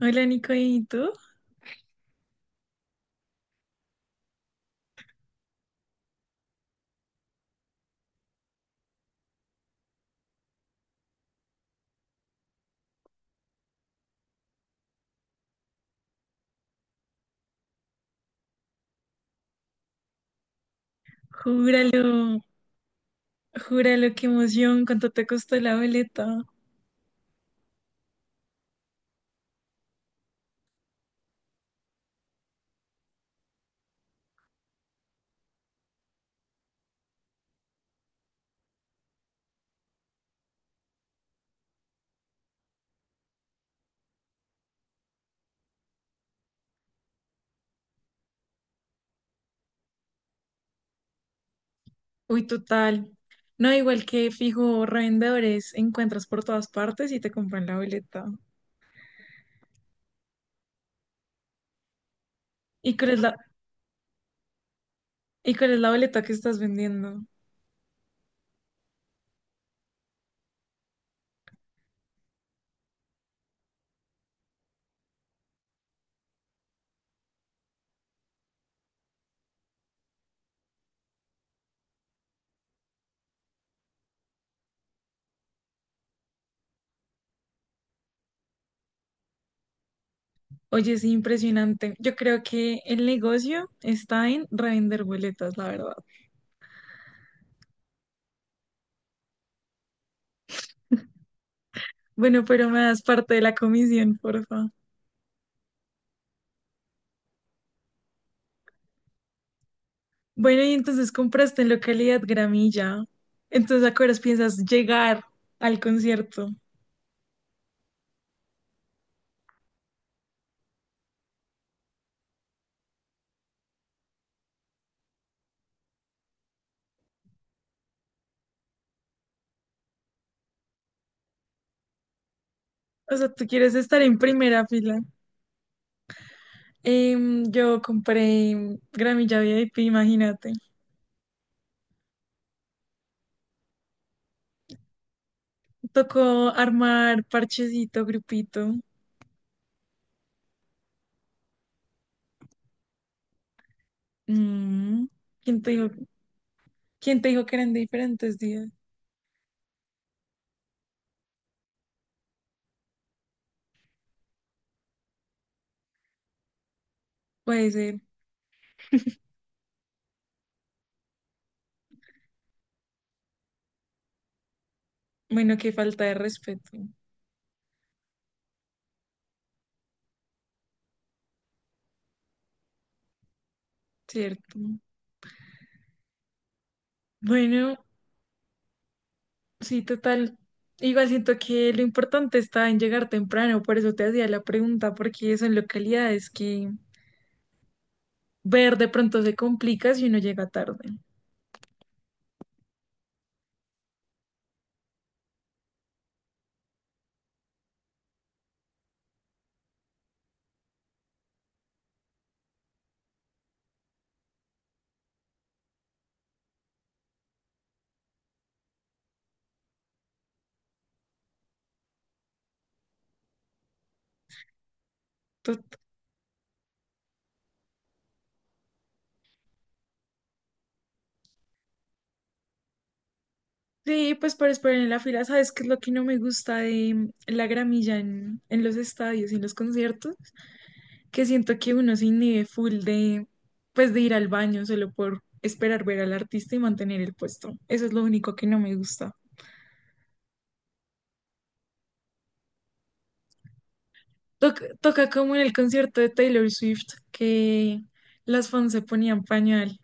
Hola Nico, ¿y tú? Júralo, júralo, qué emoción, cuánto te costó la boleta. Uy, total. No, igual que fijo, revendedores encuentras por todas partes y te compran la boleta. ¿Y cuál es la, y cuál es la boleta que estás vendiendo? Oye, es impresionante. Yo creo que el negocio está en revender boletas, la verdad. Bueno, pero me das parte de la comisión, porfa. Bueno, y entonces compraste en localidad Gramilla. Entonces, ¿a qué horas piensas llegar al concierto? O sea, tú quieres estar en primera fila. Yo compré gramilla VIP, imagínate. Tocó armar parchecito, grupito. Mm. ¿Quién te dijo, quién te dijo que eran diferentes días? Puede ser. Bueno, qué falta de respeto, ¿cierto? Bueno, sí, total. Igual siento que lo importante está en llegar temprano, por eso te hacía la pregunta, porque son localidades que ver de pronto se complica si uno llega tarde. Tot- Sí, pues para esperar en la fila, ¿sabes qué es lo que no me gusta de la gramilla en los estadios y en los conciertos? Que siento que uno se inhibe full de, pues de ir al baño solo por esperar ver al artista y mantener el puesto. Eso es lo único que no me gusta. Toca, toca como en el concierto de Taylor Swift, que las fans se ponían pañal.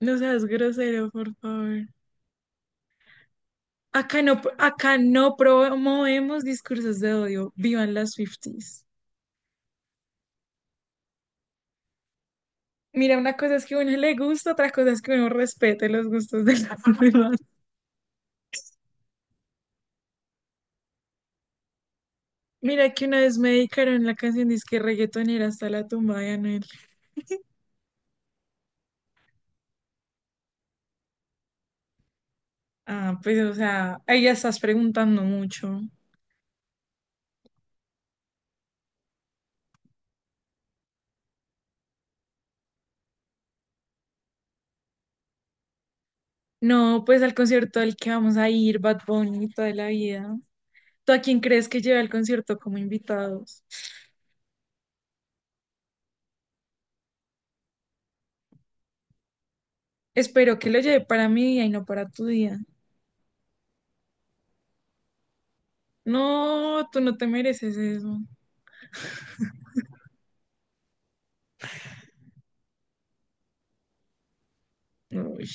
No seas grosero, por favor. Acá no promovemos discursos de odio. Vivan las Swifties. Mira, una cosa es que a uno le gusta, otra cosa es que uno respete los gustos de las demás. Mira que una vez me dedicaron la canción disque reggaetonera hasta la tumba de Anuel. Ah, pues o sea, ahí ya estás preguntando mucho. No, pues al concierto al que vamos a ir, Bad Bunny, toda la vida. ¿Tú a quién crees que lleve al concierto como invitados? Espero que lo lleve para mi día y no para tu día. No, tú no te mereces eso. Uy,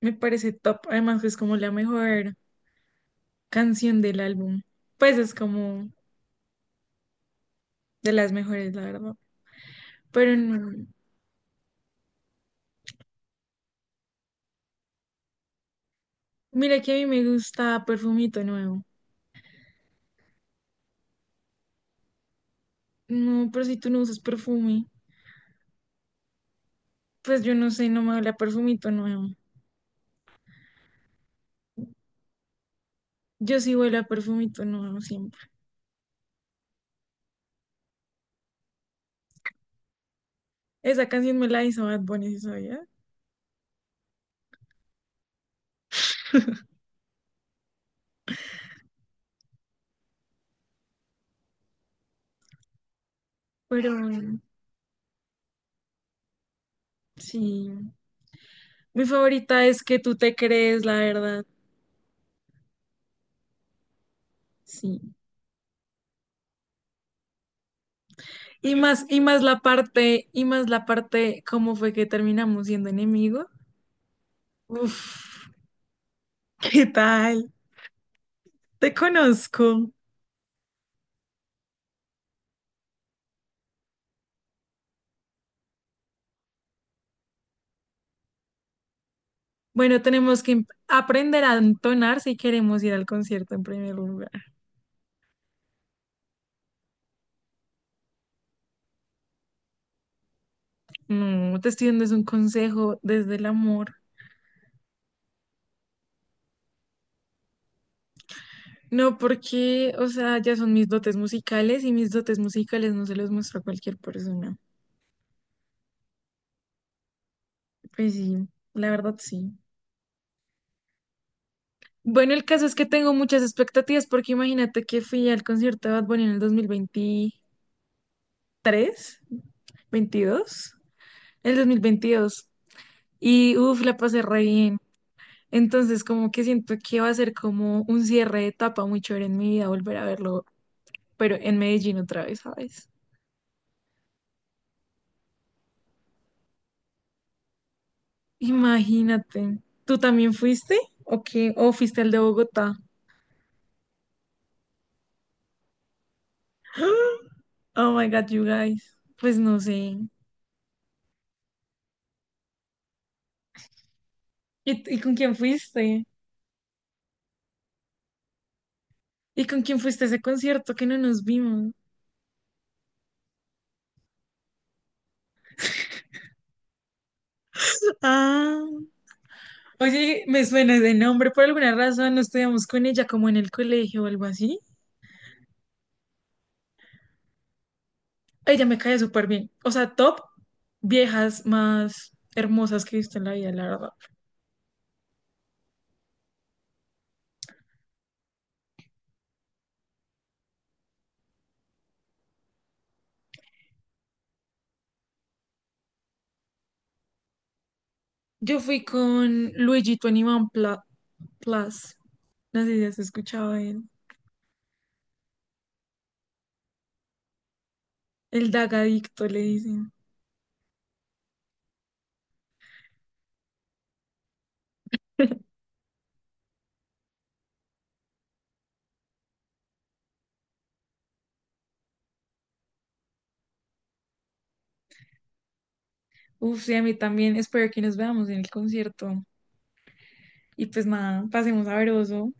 me parece top. Además, es como la mejor canción del álbum. Pues es como de las mejores, la verdad. Pero no. Mira que a mí me gusta Perfumito Nuevo. No, pero si tú no usas perfume, pues yo no sé, no me huele a Perfumito Nuevo. Yo sí huele a Perfumito Nuevo siempre. Esa canción me la hizo Bad Bunny, ¿sí, sabías? Pero bueno, sí. Mi favorita es que tú te crees, la verdad. Sí. Y más la parte, y más la parte, cómo fue que terminamos siendo enemigos. Uf, ¿qué tal? Te conozco. Bueno, tenemos que aprender a entonar si queremos ir al concierto en primer lugar. No, te estoy dando es un consejo desde el amor. No, porque, o sea, ya son mis dotes musicales y mis dotes musicales no se los muestro a cualquier persona. Pues sí, la verdad sí. Bueno, el caso es que tengo muchas expectativas porque imagínate que fui al concierto de Bad Bunny en el 2023, 22, el 2022 y uff, la pasé re bien. Entonces, como que siento que va a ser como un cierre de etapa muy chévere en mi vida volver a verlo, pero en Medellín otra vez, ¿sabes? Imagínate. ¿Tú también fuiste? ¿O qué? ¿O fuiste al de Bogotá? Oh my God, you guys. Pues no sé. Y con quién fuiste? ¿Y con quién fuiste a ese concierto que no nos vimos? Ah. Oye, me suena de nombre por alguna razón. ¿No estudiamos con ella como en el colegio o algo así? Ella me cae súper bien. O sea, top viejas más hermosas que he visto en la vida, la verdad. Yo fui con Luigi 21 Plus. No sé si has escuchado de él. El Dagadicto le dicen. Uf, sí, a mí también. Espero que nos veamos en el concierto. Y pues nada, pasemos sabroso.